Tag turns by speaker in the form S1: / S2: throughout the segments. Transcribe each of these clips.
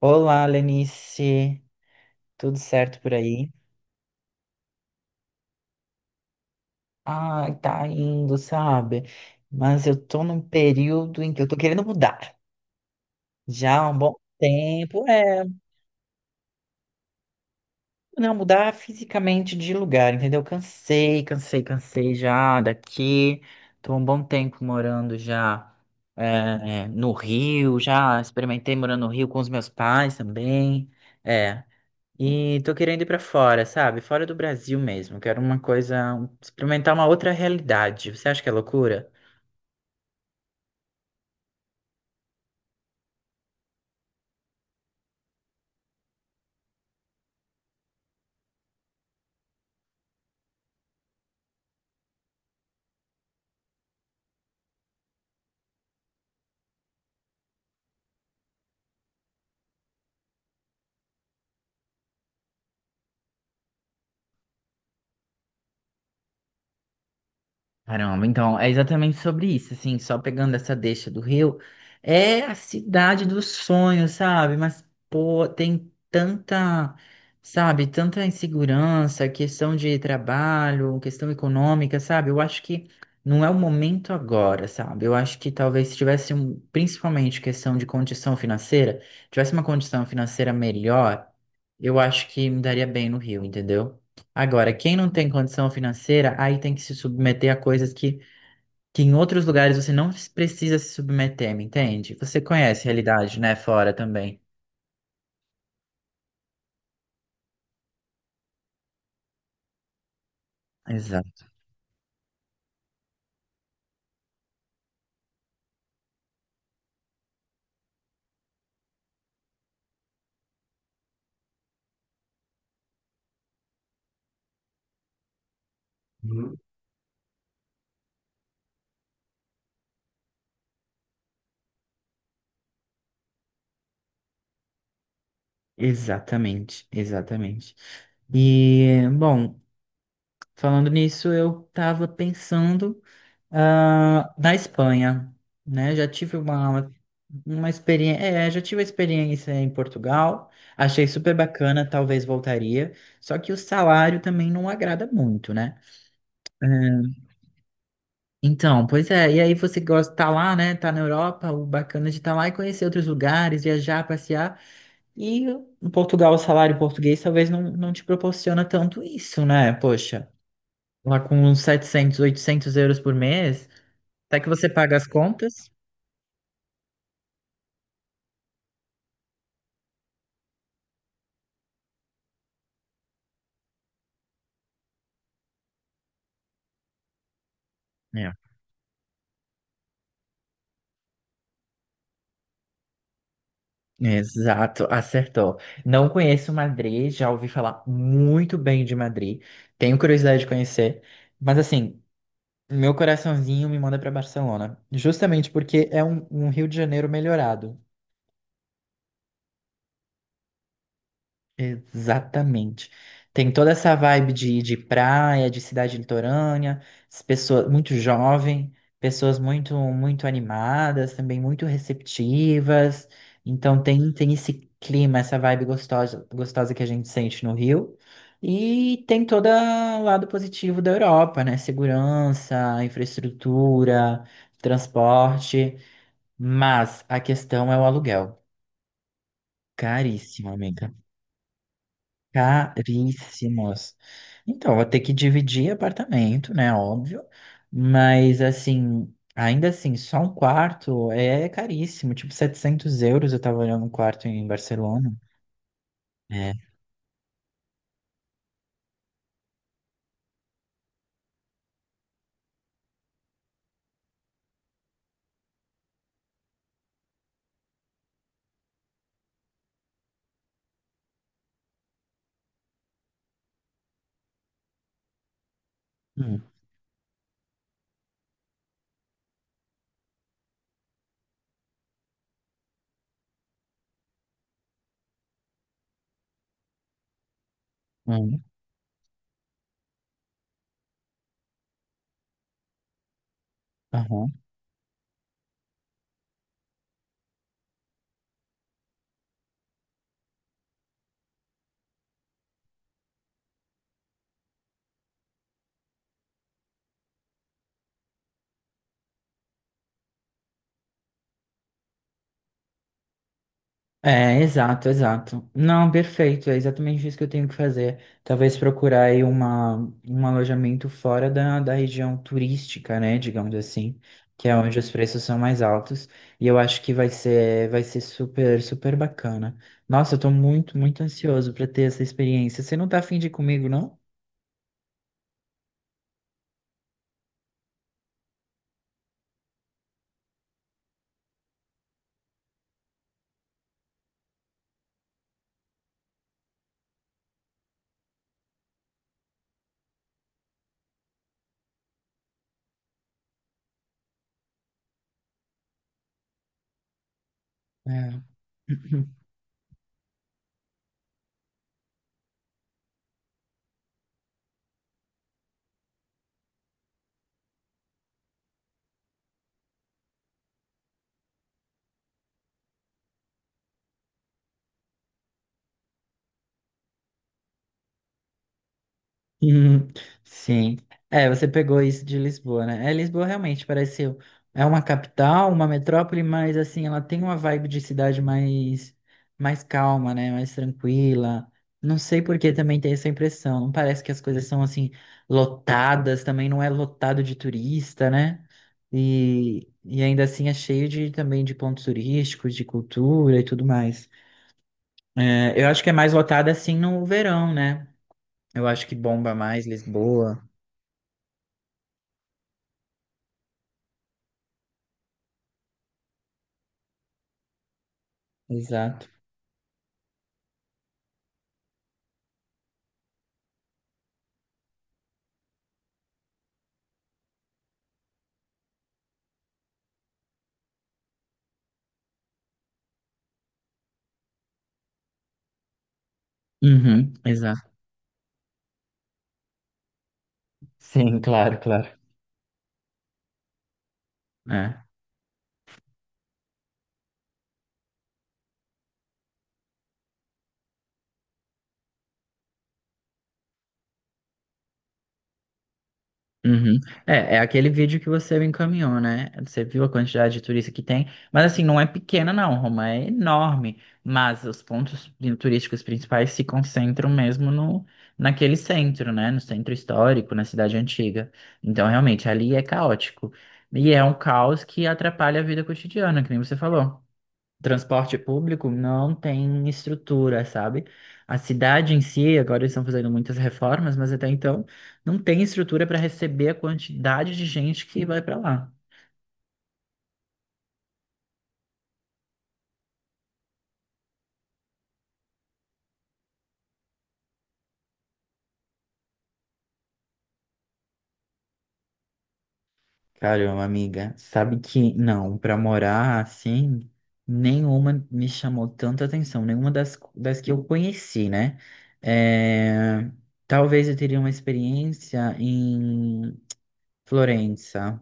S1: Olá, Lenice. Tudo certo por aí? Ah, tá indo, sabe? Mas eu tô num período em que eu tô querendo mudar. Já há um bom tempo, é, não mudar fisicamente de lugar, entendeu? Cansei já daqui. Tô há um bom tempo morando já no Rio, já experimentei morando no Rio com os meus pais também. É. E tô querendo ir pra fora, sabe? Fora do Brasil mesmo. Quero uma coisa, experimentar uma outra realidade. Você acha que é loucura? Caramba, então é exatamente sobre isso, assim, só pegando essa deixa do Rio, é a cidade dos sonhos, sabe? Mas, pô, tem tanta, sabe, tanta insegurança, questão de trabalho, questão econômica, sabe? Eu acho que não é o momento agora, sabe? Eu acho que talvez se tivesse, principalmente questão de condição financeira, tivesse uma condição financeira melhor, eu acho que me daria bem no Rio, entendeu? Agora, quem não tem condição financeira, aí tem que se submeter a coisas que em outros lugares você não precisa se submeter, me entende? Você conhece a realidade, né? Fora também. Exato. Exatamente, exatamente. E, bom, falando nisso, eu estava pensando, ah, na Espanha, né? Já tive uma experiência, é, já tive a experiência em Portugal, achei super bacana, talvez voltaria, só que o salário também não agrada muito, né? É. Então, pois é, e aí você gosta de tá lá, né? Tá na Europa, o bacana de estar lá e conhecer outros lugares, viajar, passear. E em Portugal, o salário português talvez não te proporciona tanto isso, né? Poxa, lá com uns 700, 800 euros por mês, até que você paga as contas. É. Exato, acertou. Não conheço Madrid, já ouvi falar muito bem de Madrid, tenho curiosidade de conhecer, mas assim, meu coraçãozinho me manda para Barcelona, justamente porque é um Rio de Janeiro melhorado. Exatamente. Tem toda essa vibe de praia, de cidade litorânea, as pessoas muito jovem, pessoas muito muito animadas, também muito receptivas. Então tem esse clima, essa vibe gostosa gostosa que a gente sente no Rio. E tem todo o lado positivo da Europa, né? Segurança, infraestrutura, transporte. Mas a questão é o aluguel. Caríssimo, amiga. Caríssimos. Então, vou ter que dividir apartamento, né? Óbvio. Mas, assim, ainda assim, só um quarto é caríssimo. Tipo, 700 euros eu tava olhando um quarto em Barcelona. É. Hum, hum, aham. É, exato, exato. Não, perfeito, é exatamente isso que eu tenho que fazer. Talvez procurar aí uma, um alojamento fora da região turística, né, digamos assim, que é onde os preços são mais altos, e eu acho que vai ser super, super bacana. Nossa, eu tô muito, muito ansioso para ter essa experiência. Você não tá afim de ir comigo, não? É. Uhum, sim. É, você pegou isso de Lisboa, né? É, Lisboa realmente parece é uma capital, uma metrópole, mas assim, ela tem uma vibe de cidade mais calma, né? Mais tranquila. Não sei por que também tem essa impressão. Não parece que as coisas são assim lotadas, também não é lotado de turista, né? E ainda assim é cheio de também de pontos turísticos, de cultura e tudo mais. É, eu acho que é mais lotada assim no verão, né? Eu acho que bomba mais Lisboa. Exato. Uhum, exato. Sim, claro, claro. É. Uhum. É, é aquele vídeo que você me encaminhou, né? Você viu a quantidade de turista que tem, mas assim, não é pequena não, Roma é enorme, mas os pontos turísticos principais se concentram mesmo naquele centro, né? No centro histórico, na cidade antiga. Então, realmente, ali é caótico. E é um caos que atrapalha a vida cotidiana, que nem você falou. Transporte público não tem estrutura, sabe? A cidade em si, agora eles estão fazendo muitas reformas, mas até então não tem estrutura para receber a quantidade de gente que vai para lá. Caramba, amiga, sabe que não, para morar assim, nenhuma me chamou tanta atenção, nenhuma das que eu conheci, né? É, talvez eu teria uma experiência em Florença,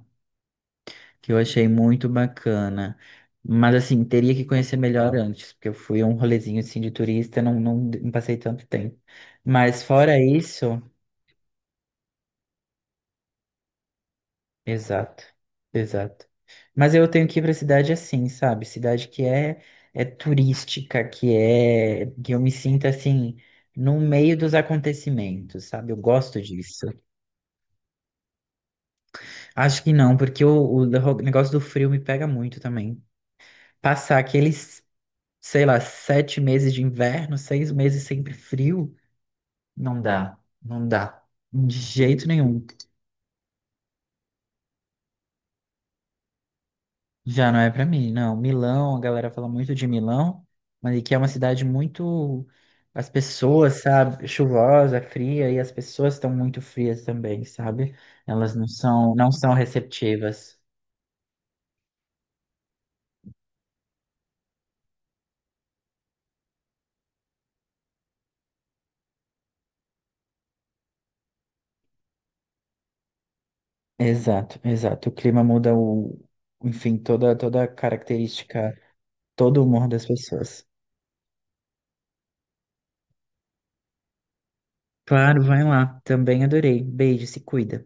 S1: que eu achei muito bacana. Mas assim, teria que conhecer melhor antes, porque eu fui a um rolezinho assim de turista, não passei tanto tempo. Mas fora isso, exato, exato. Mas eu tenho que ir para cidade assim, sabe? Cidade que é é turística, que é que eu me sinta assim no meio dos acontecimentos, sabe? Eu gosto disso. Acho que não, porque o negócio do frio me pega muito também. Passar aqueles sei lá, 7 meses de inverno, 6 meses sempre frio, não dá, de jeito nenhum. Já não é pra mim, não. Milão, a galera fala muito de Milão, mas que é uma cidade muito, as pessoas, sabe, chuvosa, fria, e as pessoas estão muito frias também, sabe? Elas não são receptivas. Exato, exato. O clima muda o, enfim, toda a característica, todo o humor das pessoas. Claro, vai lá. Também adorei. Beijo, se cuida.